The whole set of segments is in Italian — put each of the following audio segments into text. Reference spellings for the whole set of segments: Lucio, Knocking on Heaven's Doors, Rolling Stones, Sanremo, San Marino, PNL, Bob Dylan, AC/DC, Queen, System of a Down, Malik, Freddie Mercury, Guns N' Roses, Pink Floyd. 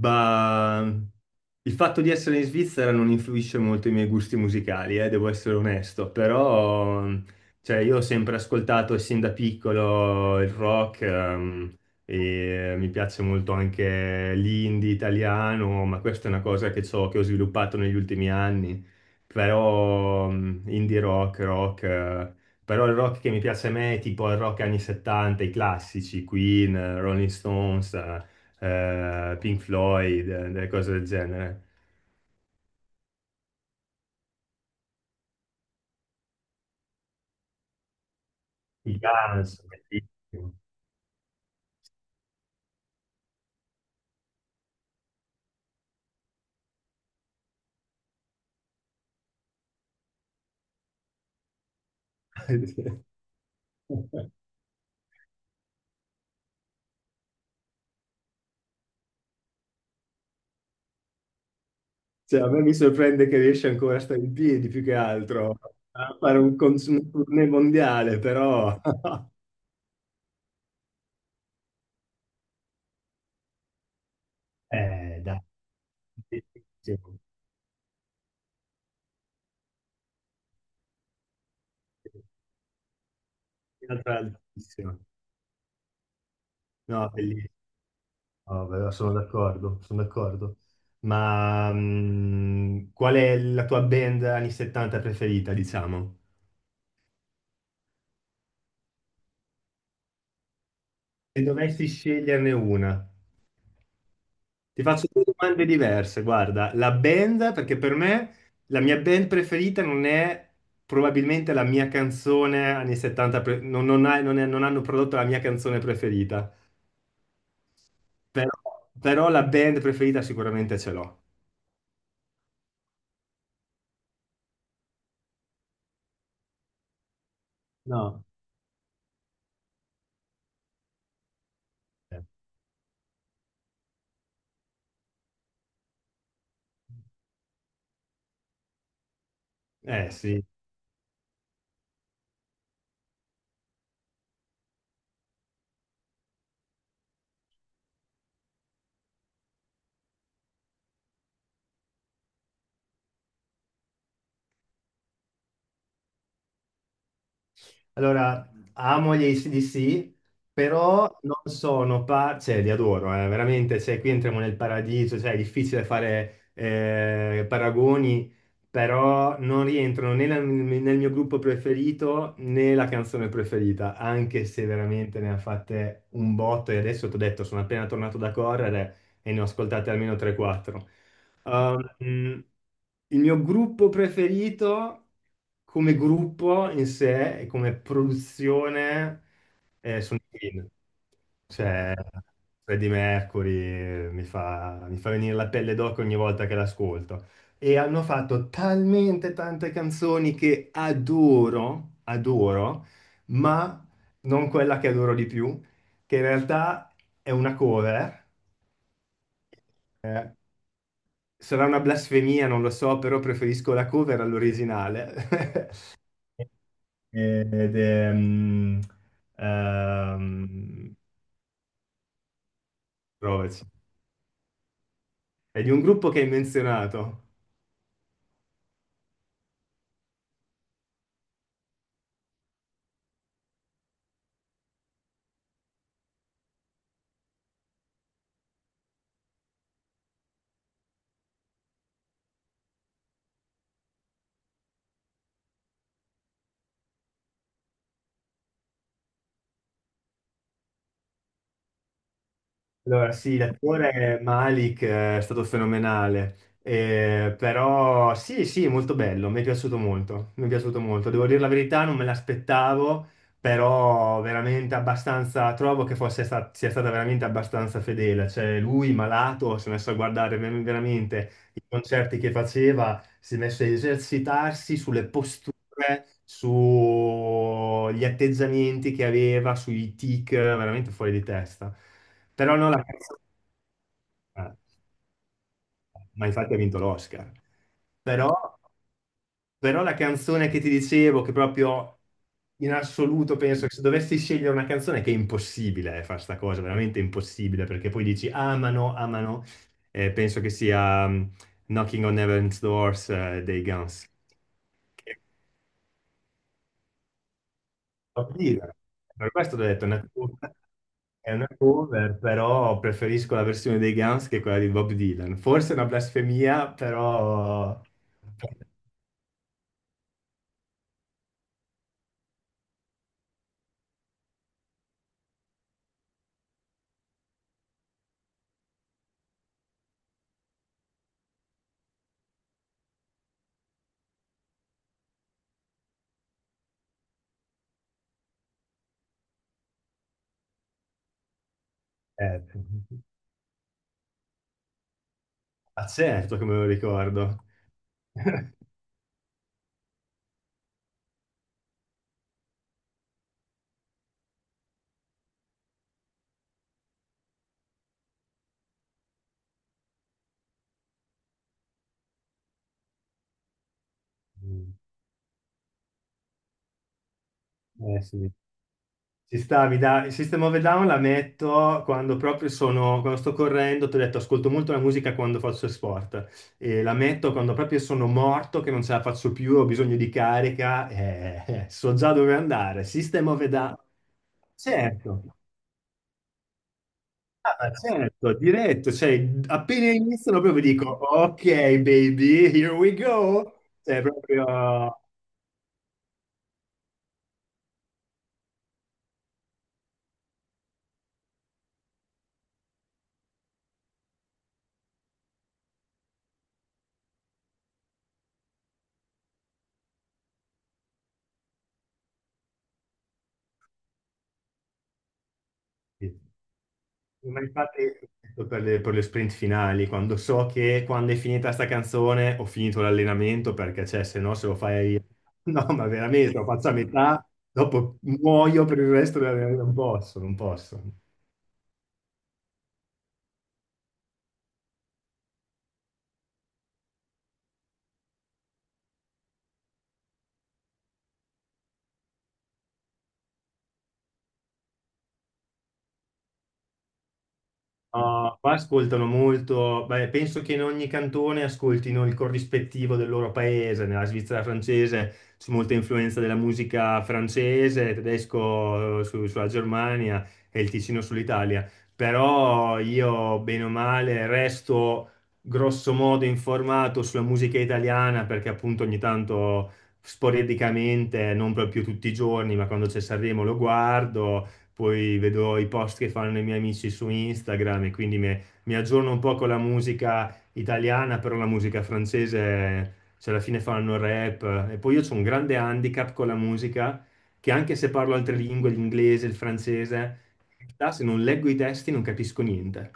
Ma il fatto di essere in Svizzera non influisce molto i miei gusti musicali, devo essere onesto. Però cioè, io ho sempre ascoltato sin da piccolo il rock, e mi piace molto anche l'indie italiano, ma questa è una cosa che, che ho sviluppato negli ultimi anni. Però indie rock, rock, però il rock che mi piace a me è tipo il rock anni 70, i classici, Queen, Rolling Stones, Pink Floyd, delle cose del genere. I Guns, bellissimo. Cioè, a me mi sorprende che riesce ancora a stare in piedi più che altro, a fare un, un tournée mondiale, però... dai, bellissimo. Un'altra altissima. No, bellissimo. No, però sono d'accordo, sono d'accordo. Ma qual è la tua band anni 70 preferita, diciamo? Se dovessi sceglierne una. Ti faccio due domande diverse. Guarda, la band, perché per me la mia band preferita non è probabilmente la mia canzone anni 70, pre- non, non ha- non è- non hanno prodotto la mia canzone preferita, però, però la band preferita sicuramente ce l'ho. No. Eh sì. Allora, amo gli AC/DC, però non sono par- cioè li adoro, veramente, cioè qui entriamo nel paradiso, cioè è difficile fare paragoni, però non rientrano né nel mio gruppo preferito né la canzone preferita, anche se veramente ne ha fatte un botto e adesso ti ho detto, sono appena tornato da correre e ne ho ascoltate almeno 3-4. Il mio gruppo preferito come gruppo in sé e come produzione sono i Queen. Cioè, Freddie Mercury mi fa venire la pelle d'oca ogni volta che l'ascolto. E hanno fatto talmente tante canzoni che adoro, adoro, ma non quella che adoro di più, che in realtà è una cover, eh, sarà una blasfemia, non lo so, però preferisco la cover all'originale. Ed è, ehm, Rovez. È di un gruppo che hai menzionato. Allora, sì, l'attore Malik è stato fenomenale. Però sì, sì, molto bello, mi è piaciuto molto, mi è piaciuto molto. Devo dire la verità, non me l'aspettavo, però veramente abbastanza, trovo che sia stata veramente abbastanza fedele. Cioè, lui malato si è messo a guardare veramente i concerti che faceva, si è messo a esercitarsi sulle posture, sugli atteggiamenti che aveva, sui tic, veramente fuori di testa. Però non la canzone, ma infatti ha vinto l'Oscar. Però, però la canzone che ti dicevo, che proprio in assoluto penso che se dovessi scegliere una canzone, che è impossibile fare sta cosa, veramente impossibile, perché poi dici amano, amano, penso che sia Knocking on Heaven's Doors dei Guns. Partita. Per questo ho detto, è una cover, però preferisco la versione dei Guns che quella di Bob Dylan. Forse è una blasfemia, però... Eh, ma certo che me lo ricordo. Eh sì. Ci stavi, dai. System of a Down la metto quando proprio sono, quando sto correndo, ti ho detto, ascolto molto la musica quando faccio sport e la metto quando proprio sono morto, che non ce la faccio più, ho bisogno di carica, so già dove andare. System of a Down, certo, ah, certo, diretto, cioè appena iniziano proprio dico, ok baby, here we go, cioè proprio... Sì. Sì, ma infatti per le sprint finali, quando so che quando è finita sta canzone ho finito l'allenamento perché cioè, se no se lo fai... No, ma veramente, lo faccio a metà, dopo muoio per il resto dell'allenamento, non posso, non posso. No, qua ascoltano molto, beh, penso che in ogni cantone ascoltino il corrispettivo del loro paese, nella Svizzera francese c'è molta influenza della musica francese, tedesco sulla Germania e il Ticino sull'Italia, però io bene o male resto grosso modo informato sulla musica italiana perché appunto ogni tanto sporadicamente, non proprio tutti i giorni, ma quando c'è Sanremo lo guardo, poi vedo i post che fanno i miei amici su Instagram e quindi mi aggiorno un po' con la musica italiana, però la musica francese, cioè alla fine fanno rap. E poi io ho un grande handicap con la musica, che anche se parlo altre lingue, l'inglese, il francese, in realtà se non leggo i testi non capisco niente.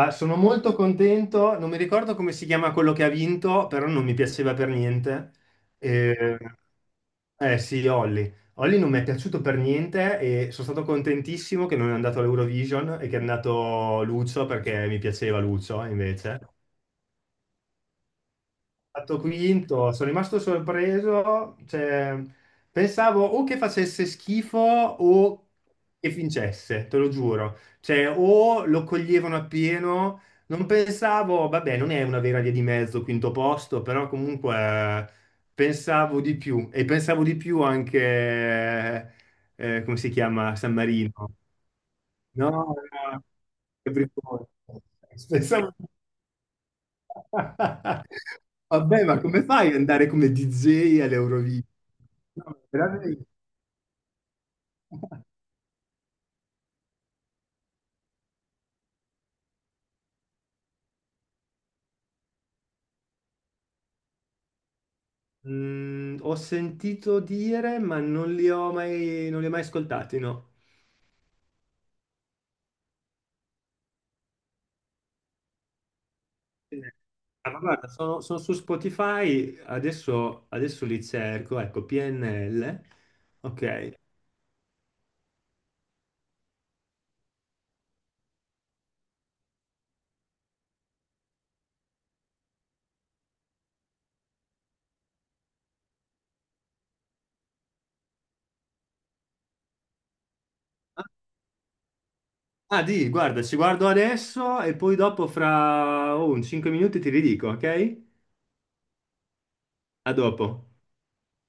Ah, sono molto contento, non mi ricordo come si chiama quello che ha vinto, però non mi piaceva per niente. Ehm, Eh sì, Olli. Olli non mi è piaciuto per niente e sono stato contentissimo che non è andato all'Eurovision e che è andato Lucio perché mi piaceva Lucio invece. Fatto quinto, sono rimasto sorpreso, cioè, pensavo o che facesse schifo o che vincesse, te lo giuro, cioè, o lo coglievano appieno, non pensavo, vabbè, non è una vera via di mezzo, quinto posto, però comunque pensavo di più e pensavo di più anche, come si chiama, San Marino, no? Pensavo, vabbè, ma come fai ad andare come DJ all'Eurovision? No, veramente. Mm, ho sentito dire, ma non li ho mai ascoltati, no. Ah, ma guarda, sono, sono su Spotify, adesso, adesso li cerco, ecco, PNL, ok. Ah, di, guarda, ci guardo adesso e poi dopo fra oh, un 5 minuti ti ridico, ok? A dopo.